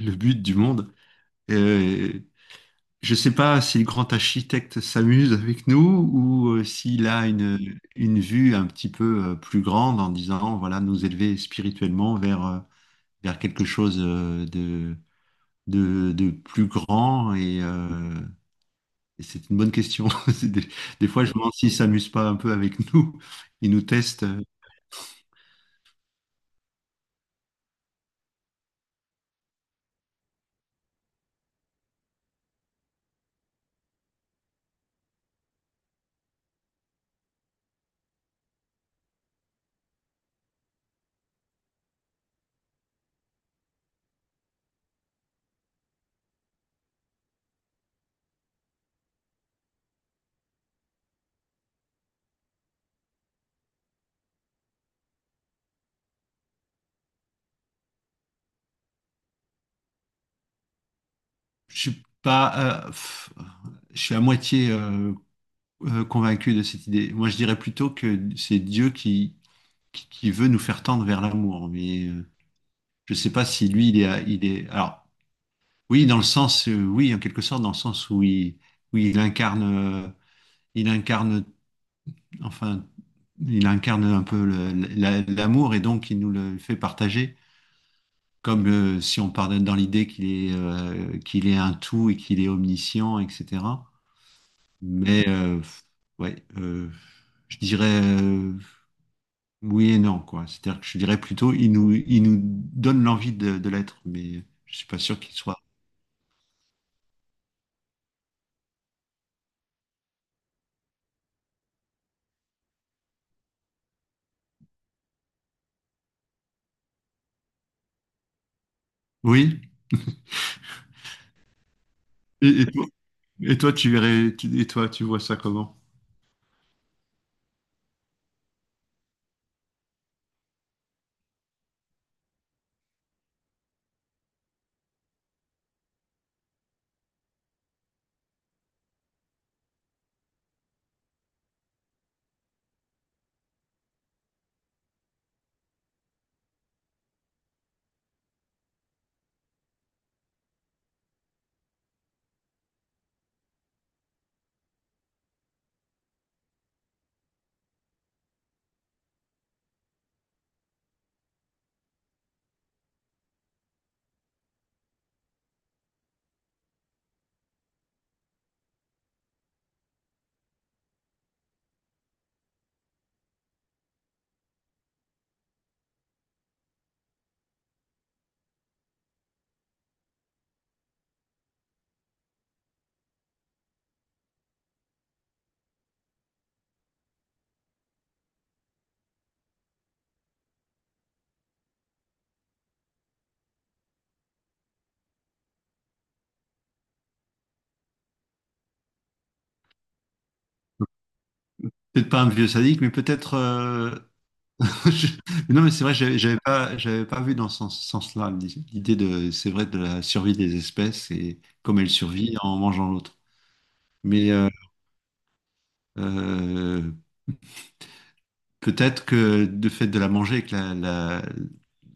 Le but du monde. Euh, je sais pas si le grand architecte s'amuse avec nous ou s'il a une vue un petit peu plus grande en disant, voilà, nous élever spirituellement vers, vers quelque chose de plus grand. Et c'est une bonne question. C'est Des, des fois, je me demande s'il s'amuse pas un peu avec nous. Il nous teste. Je suis pas, je suis à moitié convaincu de cette idée. Moi, je dirais plutôt que c'est Dieu qui, qui veut nous faire tendre vers l'amour. Mais je sais pas si lui, il est. Alors, oui, dans le sens, oui, en quelque sorte, dans le sens où euh, il incarne, enfin, il incarne un peu l'amour et donc il nous le fait partager. Comme si on part dans l'idée qu'il est un tout et qu'il est omniscient, etc. Mais ouais, je dirais. Oui et non, quoi. C'est-à-dire que je dirais plutôt, il nous donne l'envie de l'être, mais je suis pas sûr qu'il soit. Oui. Et, et toi, et toi, tu verrais, tu- et toi, tu vois ça comment? Peut-être pas un vieux sadique, mais peut-être. je- Non, mais c'est vrai, j'avais pas vu dans sens-là l'idée de, c'est vrai, de la survie des espèces et comme elles survivent en mangeant l'autre. Mais euh, euh, Peut-être que de fait de la manger, que la-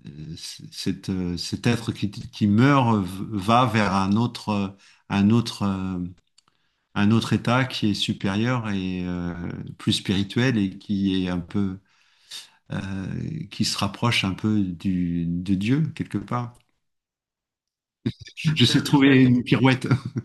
c- cette, cet être qui meurt va vers un autre, euh, un autre état qui est supérieur et plus spirituel et qui est un peu, euh, qui se rapproche un peu du, de Dieu quelque part. Je sais trouver une pirouette.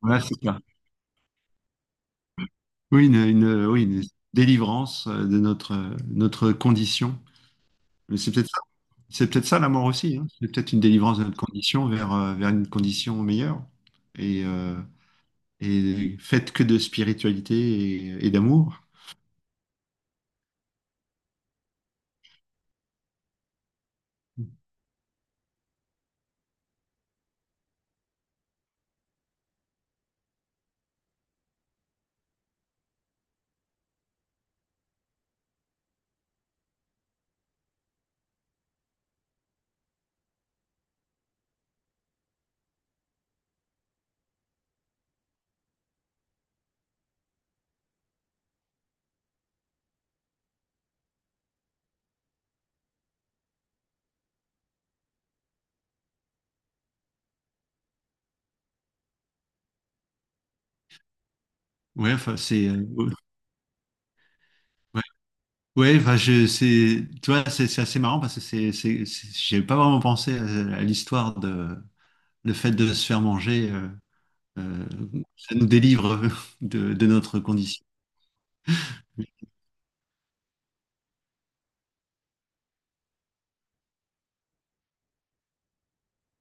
Voilà, c'est ça. Une délivrance de notre, notre condition. Mais c'est peut-être C'est peut-être ça la mort aussi, hein. C'est peut-être une délivrance de notre condition vers, vers une condition meilleure. Et, euh, et faite que de spiritualité et d'amour. Ouais, enfin, c'est. euh, ouais, ouais, enfin, c'est, tu vois, c'est assez marrant parce que j'ai pas vraiment pensé à l'histoire de, le fait de se faire manger, euh, ça nous délivre de notre condition.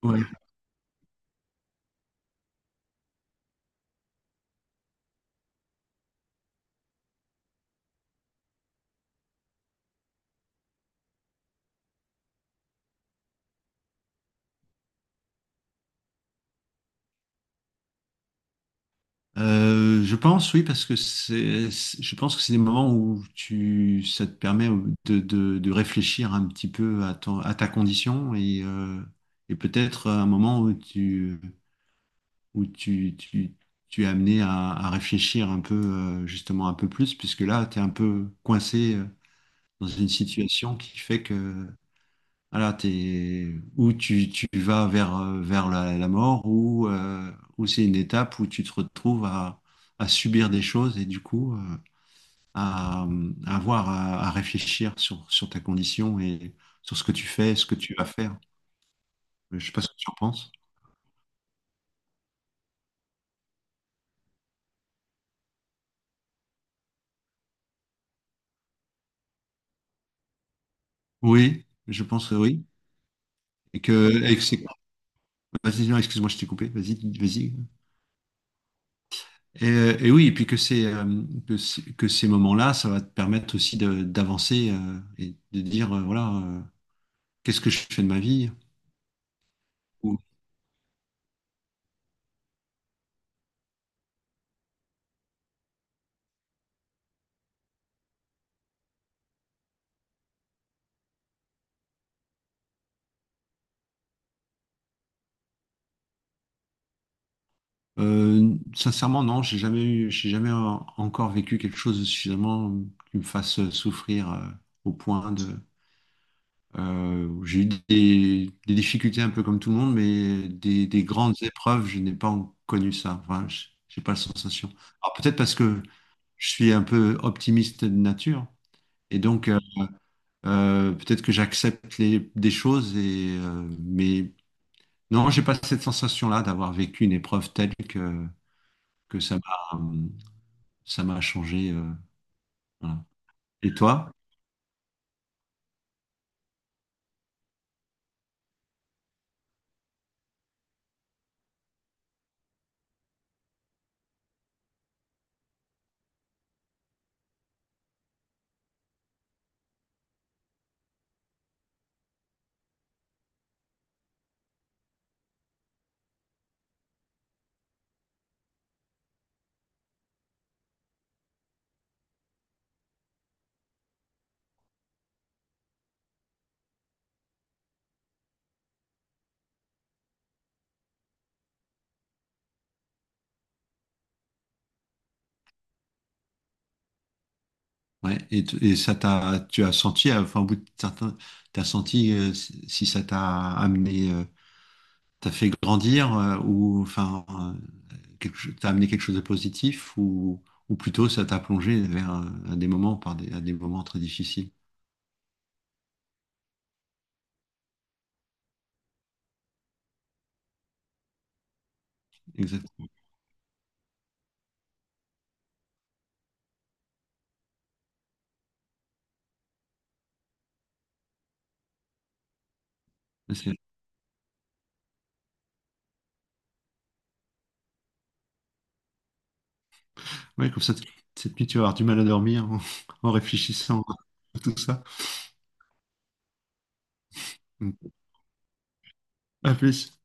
Ouais. Je pense, oui, parce que je pense que c'est des moments où tu, ça te permet de, de réfléchir un petit peu à ton, à ta condition et peut-être un moment où où tu, tu, tu es amené à réfléchir un peu, justement un peu plus, puisque là, tu es un peu coincé dans une situation qui fait que alors, t'es, ou tu vas vers, vers la, la mort, ou c'est une étape où tu te retrouves à subir des choses et du coup à, à avoir à réfléchir sur, sur ta condition et sur ce que tu fais, ce que tu vas faire. Je sais pas ce que tu en penses. Oui, je pense que oui. Et que c'est... Vas-y, non, excuse-moi, je t'ai coupé. Vas-y, vas-y. Et oui, et puis que, que ces moments-là, ça va te permettre aussi d'avancer et de dire, voilà. Qu'est-ce que je fais de ma vie? Ou, sincèrement, non, j'ai jamais encore vécu quelque chose de suffisamment qui me fasse souffrir au point de. J'ai eu des difficultés un peu comme tout le monde, mais des grandes épreuves, je n'ai pas connu ça. Enfin, j'ai pas la sensation. Alors peut-être parce que je suis un peu optimiste de nature, et donc peut-être que j'accepte des choses, et, mais non, j'ai pas cette sensation-là d'avoir vécu une épreuve telle que. que ça m'a ça m'a changé. Voilà. Et toi? Ouais. Et, ça t'a tu as senti enfin au bout de certains t'as senti si si ça t'a amené t'as fait grandir ou enfin t'as amené quelque chose de positif ou plutôt ça t'a plongé vers à des moments par des à des moments très difficiles. Exactement. C'est- Ouais, comme ça cette nuit tu vas avoir du mal à dormir en, en réfléchissant à tout ça. Donc, à plus.